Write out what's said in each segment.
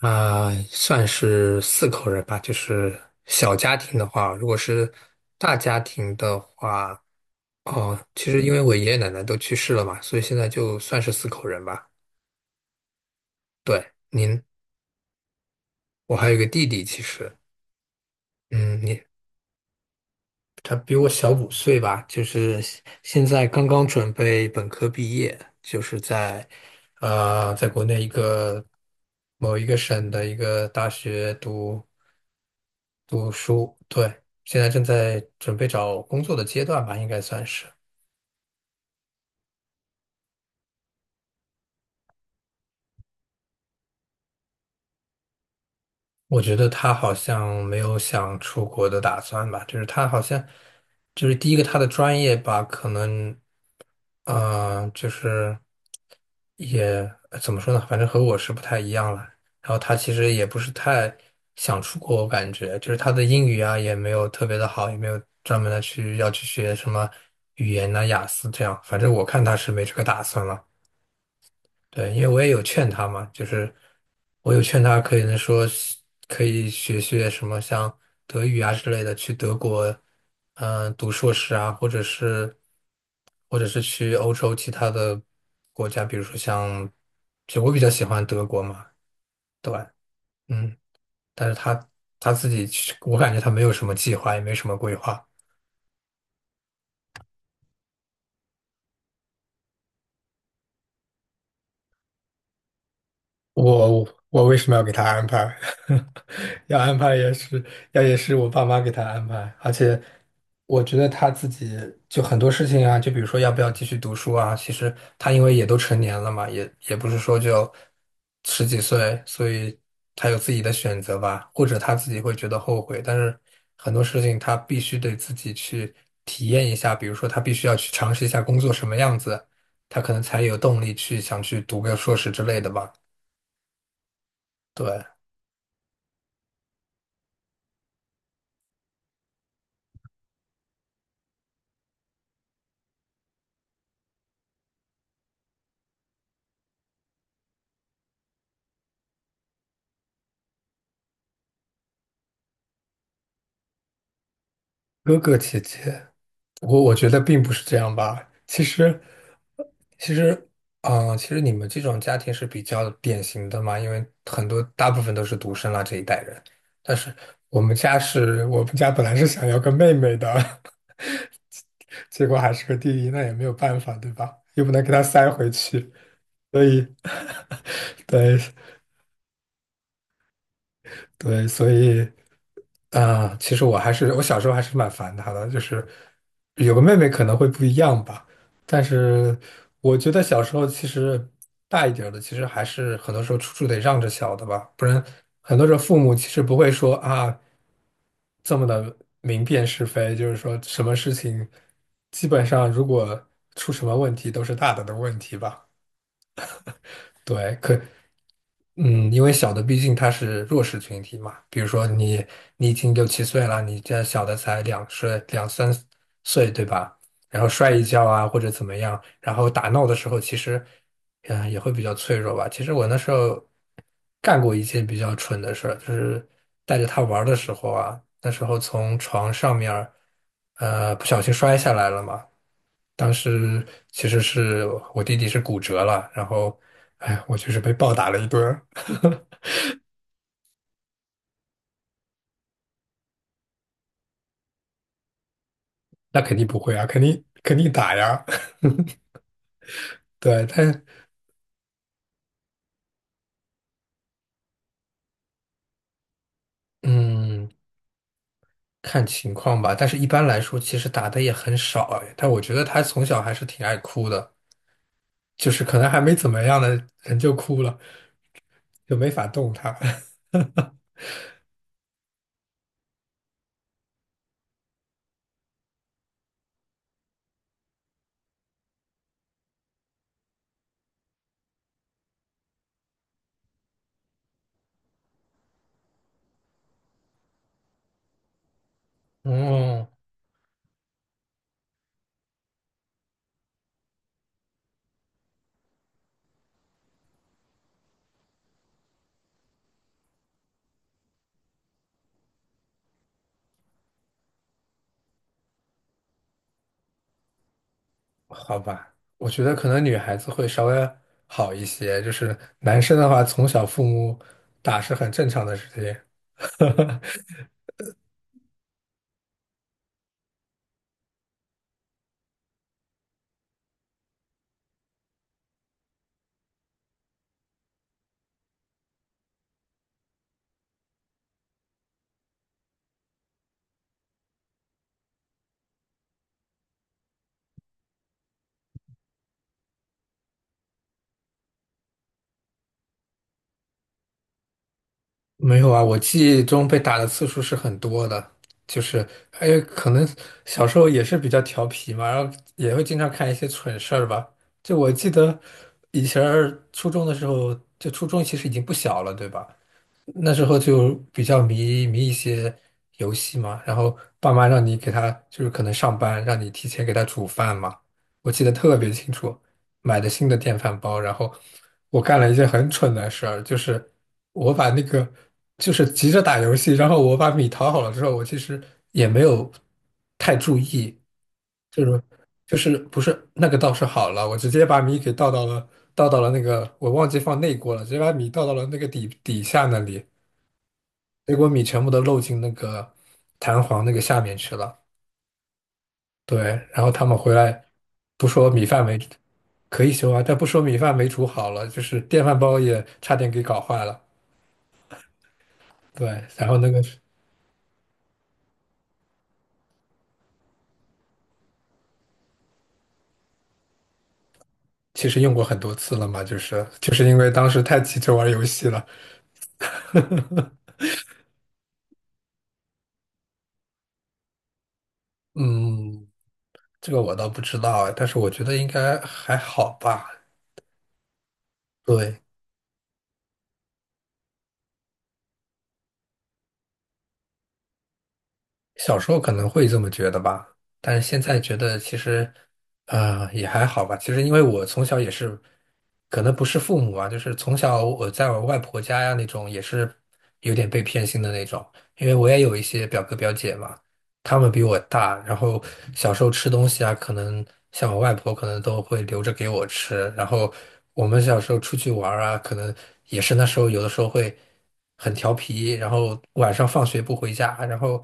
算是4口人吧，就是小家庭的话，如果是大家庭的话，哦，其实因为我爷爷奶奶都去世了嘛，所以现在就算是四口人吧。对，您，我还有个弟弟，其实，嗯，你他比我小5岁吧，就是现在刚刚准备本科毕业，就是在国内某一个省的一个大学读书，对，现在正在准备找工作的阶段吧，应该算是。我觉得他好像没有想出国的打算吧，就是他好像，就是第一个他的专业吧，可能，就是也怎么说呢，反正和我是不太一样了。然后他其实也不是太想出国，我感觉就是他的英语啊也没有特别的好，也没有专门的去要去学什么语言呐、雅思这样。反正我看他是没这个打算了。对，因为我也有劝他嘛，就是我有劝他，可以说是可以学学什么像德语啊之类的，去德国，嗯、读硕士啊，或者是去欧洲其他的国家，比如说像，其实我比较喜欢德国嘛，对，嗯，但是他自己去我感觉他没有什么计划，也没什么规划。我为什么要给他安排？要安排也是，要也是我爸妈给他安排。而且我觉得他自己就很多事情啊，就比如说要不要继续读书啊，其实他因为也都成年了嘛，也不是说就十几岁，所以他有自己的选择吧，或者他自己会觉得后悔。但是很多事情他必须得自己去体验一下，比如说他必须要去尝试一下工作什么样子，他可能才有动力去想去读个硕士之类的吧。对。哥哥姐姐，我觉得并不是这样吧。其实，其实，嗯、其实你们这种家庭是比较典型的嘛，因为很多大部分都是独生啦这一代人。但是我们家本来是想要个妹妹的，结果还是个弟弟，那也没有办法，对吧？又不能给他塞回去，所以，对。对，所以，啊，其实我小时候还是蛮烦他的，就是有个妹妹可能会不一样吧，但是我觉得小时候其实大一点儿的，其实还是很多时候处处得让着小的吧，不然很多时候父母其实不会说啊这么的明辨是非，就是说什么事情基本上如果出什么问题都是大的问题吧，对，可。嗯，因为小的毕竟他是弱势群体嘛，比如说你已经六七岁了，你这小的才两三岁，对吧？然后摔一跤啊或者怎么样，然后打闹的时候其实，嗯、也会比较脆弱吧。其实我那时候干过一件比较蠢的事儿，就是带着他玩儿的时候啊，那时候从床上面儿不小心摔下来了嘛。当时其实是我弟弟是骨折了，然后，哎，我就是被暴打了一顿。那肯定不会啊，肯定打呀。对，但嗯，看情况吧。但是一般来说，其实打的也很少哎。但我觉得他从小还是挺爱哭的，就是可能还没怎么样的人就哭了，就没法动他。哦，好吧，我觉得可能女孩子会稍微好一些，就是男生的话，从小父母打是很正常的事情。没有啊，我记忆中被打的次数是很多的，就是还有可能小时候也是比较调皮嘛，然后也会经常干一些蠢事儿吧。就我记得以前儿初中的时候，就初中其实已经不小了，对吧？那时候就比较迷一些游戏嘛，然后爸妈让你给他，就是可能上班让你提前给他煮饭嘛，我记得特别清楚，买的新的电饭煲，然后我干了一件很蠢的事儿，就是我把那个就是急着打游戏，然后我把米淘好了之后，我其实也没有太注意，就是就是不是那个倒是好了，我直接把米给倒到了倒到了那个我忘记放内锅了，直接把米倒到了那个底下那里，水果米全部都漏进那个弹簧那个下面去了。对，然后他们回来不说米饭没可以修啊，但不说米饭没煮好了，就是电饭煲也差点给搞坏了。对，然后那个是其实用过很多次了嘛，就是因为当时太急着玩游戏了。嗯，这个我倒不知道哎但是我觉得应该还好吧。对，小时候可能会这么觉得吧，但是现在觉得其实，也还好吧。其实因为我从小也是，可能不是父母啊，就是从小我在我外婆家呀那种，也是有点被偏心的那种。因为我也有一些表哥表姐嘛，他们比我大，然后小时候吃东西啊，可能像我外婆可能都会留着给我吃，然后我们小时候出去玩儿啊，可能也是那时候有的时候会很调皮，然后晚上放学不回家，然后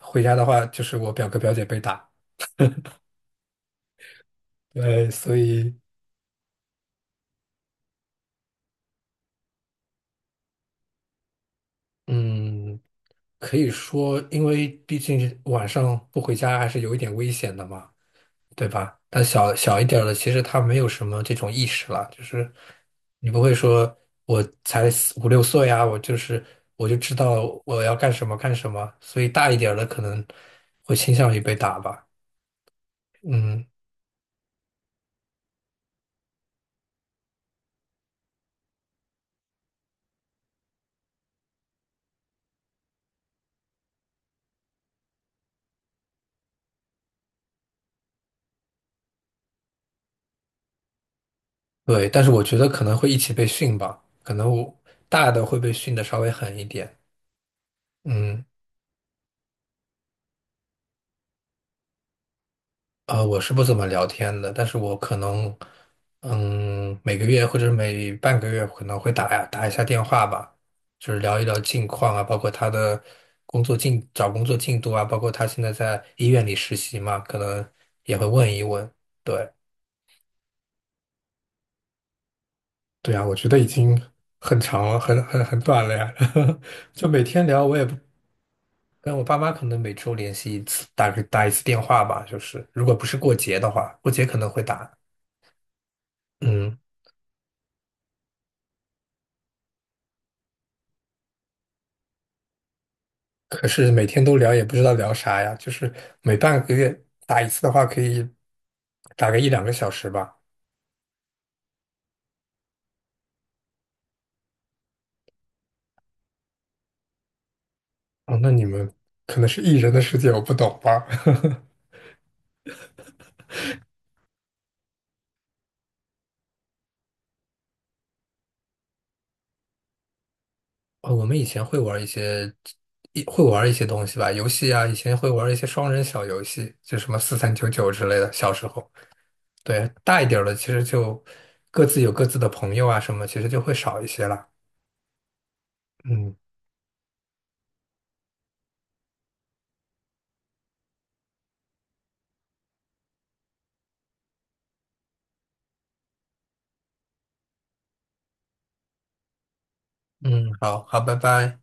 回家的话就是我表哥表姐被打，对，所以嗯，可以说，因为毕竟晚上不回家还是有一点危险的嘛。对吧？但小小一点儿的，其实他没有什么这种意识了，就是你不会说我才四五六岁呀，我就知道我要干什么干什么，所以大一点儿的可能会倾向于被打吧。嗯，对，但是我觉得可能会一起被训吧，可能我大的会被训的稍微狠一点。嗯，我是不怎么聊天的，但是我可能，嗯，每个月或者每半个月可能会打一下电话吧，就是聊一聊近况啊，包括他的工作进，找工作进度啊，包括他现在在医院里实习嘛，可能也会问一问。对，对啊，我觉得已经很长了，很短了呀，就每天聊，我也不跟我爸妈可能每周联系一次，打一次电话吧，就是如果不是过节的话，过节可能会打，嗯。可是每天都聊也不知道聊啥呀，就是每半个月打一次的话，可以打个一两个小时吧。哦，那你们可能是艺人的世界，我不懂吧？哦，我们以前会玩一些，玩一些东西吧，游戏啊，以前会玩一些双人小游戏，就什么4399之类的。小时候，对，大一点儿了，其实就各自有各自的朋友啊，什么，其实就会少一些了。嗯嗯，好好，拜拜。